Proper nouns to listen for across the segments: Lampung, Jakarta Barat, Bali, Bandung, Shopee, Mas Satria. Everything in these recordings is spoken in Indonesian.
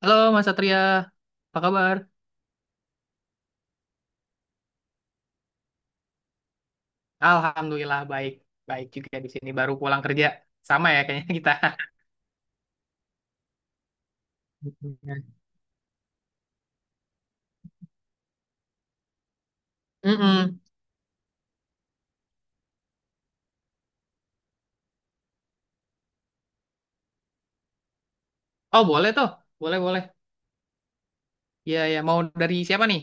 Halo Mas Satria, apa kabar? Alhamdulillah baik, baik juga di sini baru pulang kerja. Sama ya kayaknya kita. Mm-mm. Oh boleh tuh, boleh boleh. Iya ya mau dari siapa nih?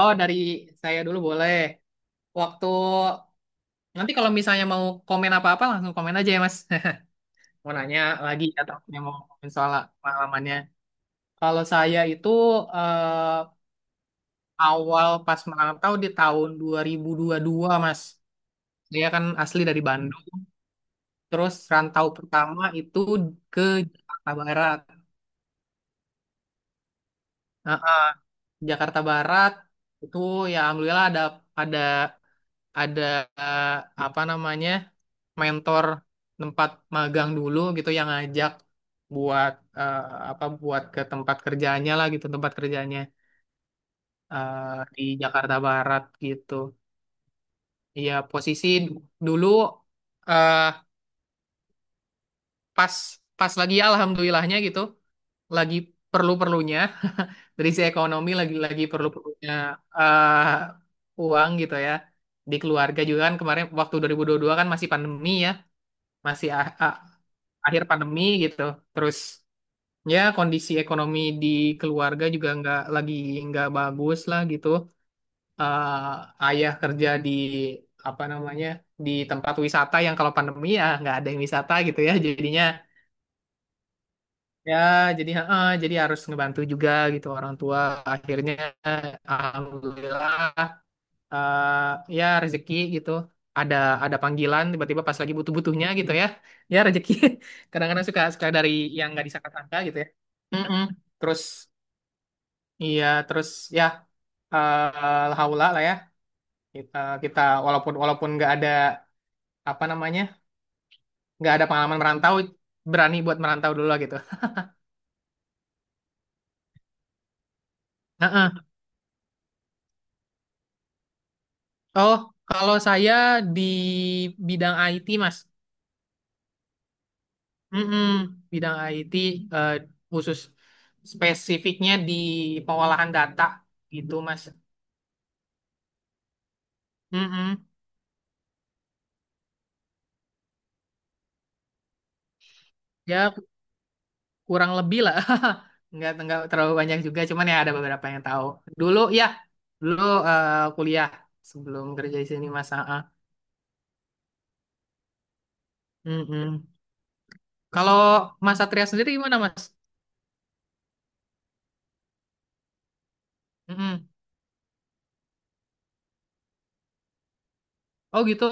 Oh, dari saya dulu boleh. Waktu Nanti kalau misalnya mau komen apa-apa langsung komen aja ya Mas. Mau nanya lagi atau punya mau komen soal pengalamannya. Kalau saya itu eh, awal pas merantau di tahun 2022 Mas. Saya kan asli dari Bandung. Terus rantau pertama itu ke Jakarta Barat. Nah, Jakarta Barat itu ya alhamdulillah ada ada eh, apa namanya mentor tempat magang dulu gitu yang ngajak buat eh, apa buat ke tempat kerjanya lah gitu tempat kerjanya di Jakarta Barat gitu. Iya posisi dulu eh, pas pas lagi ya alhamdulillahnya gitu lagi perlu-perlunya dari sisi ekonomi lagi-lagi perlu-perlunya eh, uang gitu ya. Di keluarga juga kan kemarin waktu 2022 kan masih pandemi ya, masih akhir pandemi gitu. Terus ya kondisi ekonomi di keluarga juga nggak bagus lah gitu. Ayah kerja di apa namanya di tempat wisata yang kalau pandemi ya nggak ada yang wisata gitu ya. Jadinya ya jadi harus ngebantu juga gitu orang tua. Akhirnya Alhamdulillah eh ya rezeki gitu ada ada panggilan tiba-tiba pas lagi butuh-butuhnya gitu ya rezeki. Kadang-kadang suka suka dari yang nggak disangka-sangka gitu ya. Mm-mm. Terus iya terus ya haula lah ya kita kita walaupun walaupun apa namanya nggak ada pengalaman merantau berani buat merantau dulu lah gitu. Heeh. Oh, kalau saya di bidang IT, Mas. Mm-mm, bidang IT eh, khusus spesifiknya di pengolahan data gitu Mas. Mm-mm. Ya kurang lebih lah. Nggak, terlalu banyak juga, cuman ya ada beberapa yang tahu. Dulu ya, dulu kuliah sebelum kerja di sini Mas. Ah, ah. Mm-mm. Kalau Mas Satria sendiri gimana Mas? Mm-mm. Oh gitu.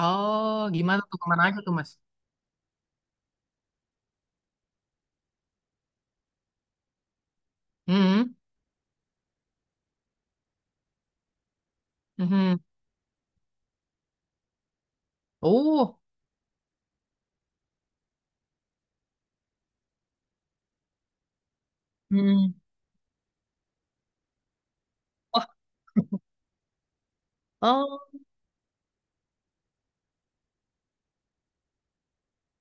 Oh gimana tuh kemana aja tuh Mas? Mm-mm. Mm-mm. Oh. Mm. Wah. Oh.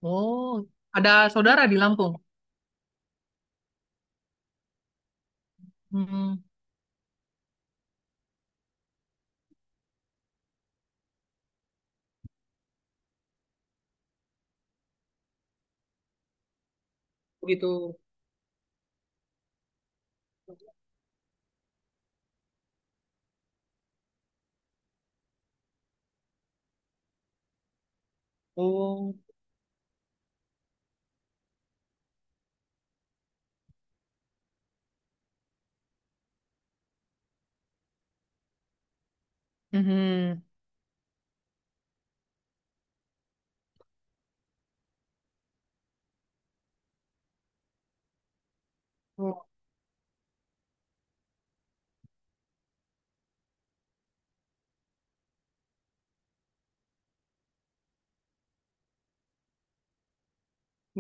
Oh, ada saudara di Lampung. Hmm, begitu. Oh, mhm. Oh,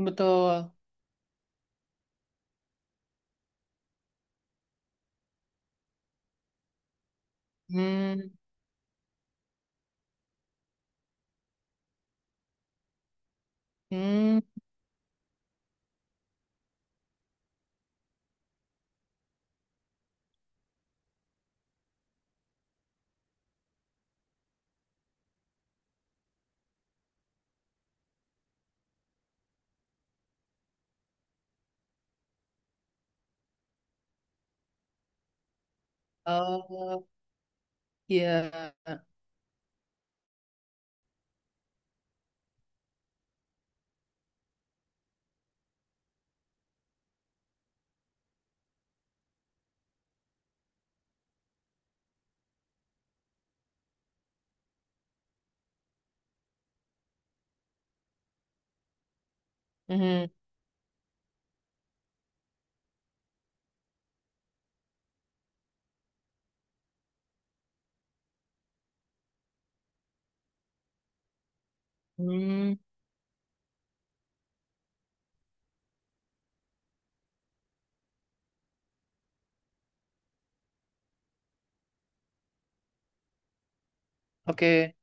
betul. Hmm, hmm. Oh, iya. Mhm. Hmm, oke.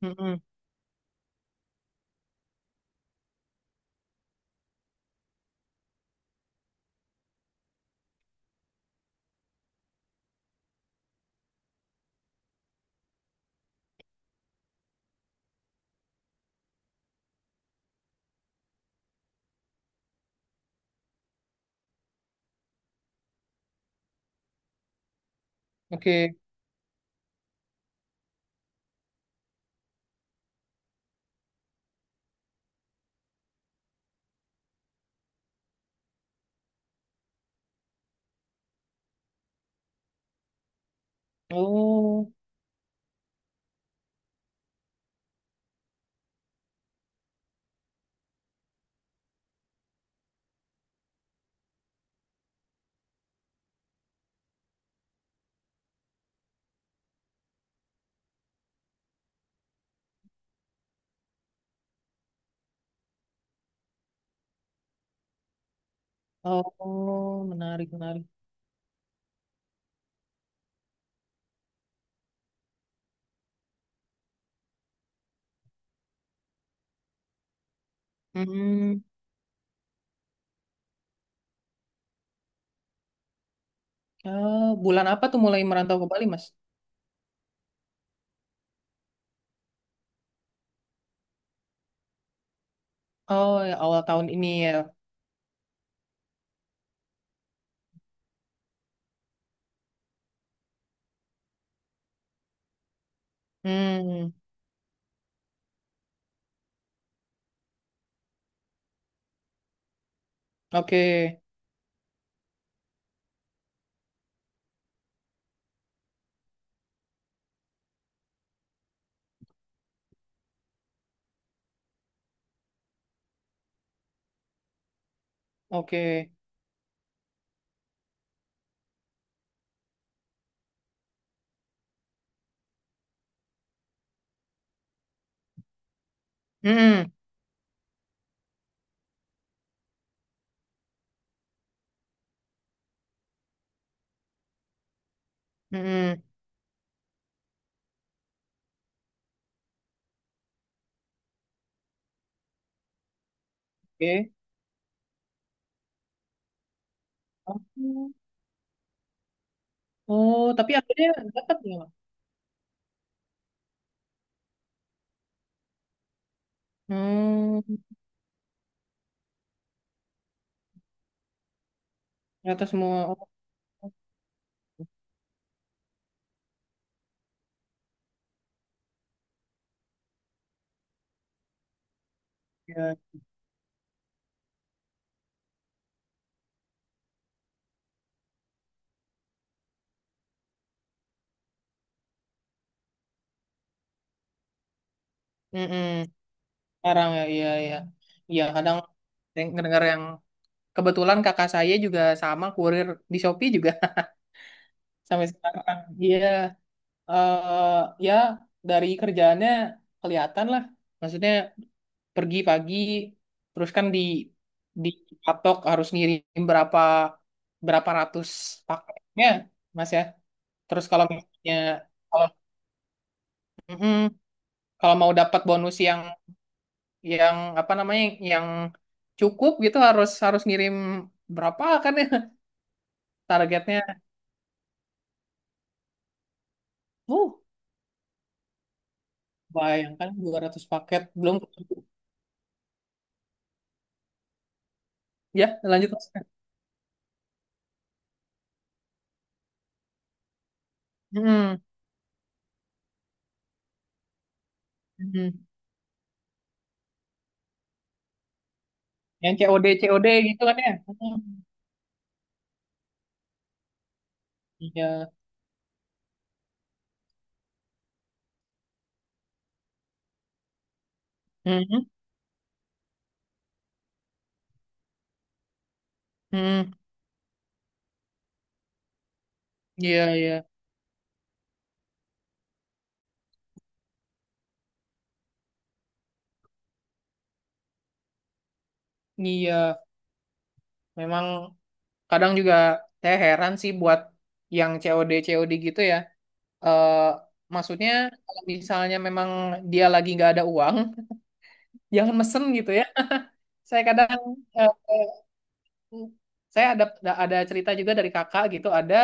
Mhm. Oke. Oh, oh, menarik, menarik. Hmm. Oh, bulan apa tuh mulai merantau ke Bali, Mas? Oh, ya awal tahun ini ya. Hmm, oke, oke. Hmm, hmm, oke. Oh. Oh, tapi akhirnya dapat ya, Mas? Hmm, ternyata semua. Oh, ya. Mm-mm. Sekarang ya, iya, iya. Iya, kadang ngedengar yang kebetulan kakak saya juga sama kurir di Shopee juga. Sampai sekarang. Iya, eh ya dari kerjaannya kelihatan lah. Maksudnya pergi pagi, terus kan dipatok harus ngirim berapa berapa ratus paketnya, Mas ya. Terus kalau misalnya kalau Mm-mm, mau dapat bonus yang apa namanya yang cukup gitu harus harus ngirim berapa kan ya. Targetnya. Uh, Bayangkan 200 paket belum ya lanjut Mas. Hmm, hmm. Yang COD COD gitu kan ya. Hmm. Iya. Hmm, hmm. Hmm. Iya, iya. Iya, memang kadang juga saya heran sih buat yang COD COD gitu ya. Eh Maksudnya kalau misalnya memang dia lagi nggak ada uang jangan mesen gitu ya. Saya kadang eh, eh, saya ada cerita juga dari kakak gitu, ada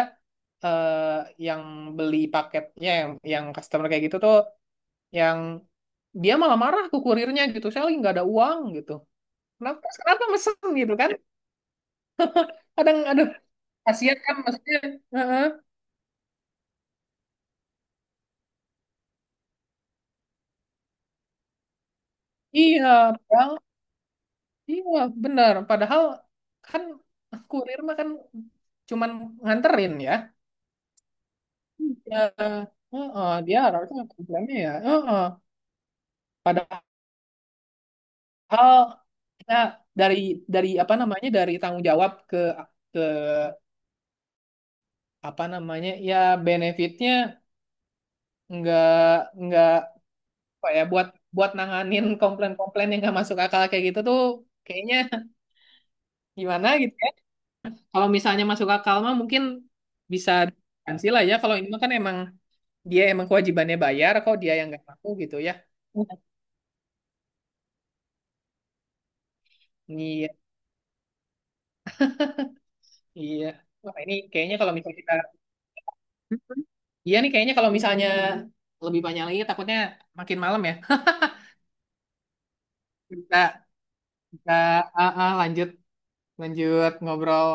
eh, yang beli paketnya yang customer kayak gitu tuh yang dia malah marah ke kurirnya gitu. Saya lagi nggak ada uang gitu. Kenapa kenapa mesen gitu kan? Kadang aduh kasihan kan maksudnya. Heeh. Iya, padahal iya benar. Padahal kan kurir mah kan cuman nganterin ya. Ya, heeh, dia harusnya programnya ya. Heeh. Padahal kita dari apa namanya dari tanggung jawab ke ke apa namanya ya benefitnya nggak nggak apa ya buat buat nanganin komplain-komplain yang nggak masuk akal kayak gitu tuh kayaknya gimana gitu ya. Kalau misalnya masuk akal mah mungkin bisa diganti lah ya. Kalau ini mah kan emang dia emang kewajibannya bayar kok dia yang nggak mampu gitu ya. Iya, iya. Wah, ini kayaknya kalau misalnya kita. Iya nih kayaknya kalau misalnya lebih banyak lagi takutnya makin malam ya. Kita kita lanjut lanjut ngobrol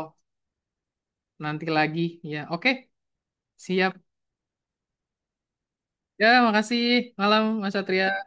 nanti lagi. Ya, oke. Siap. Ya, makasih. Malam Mas Satria.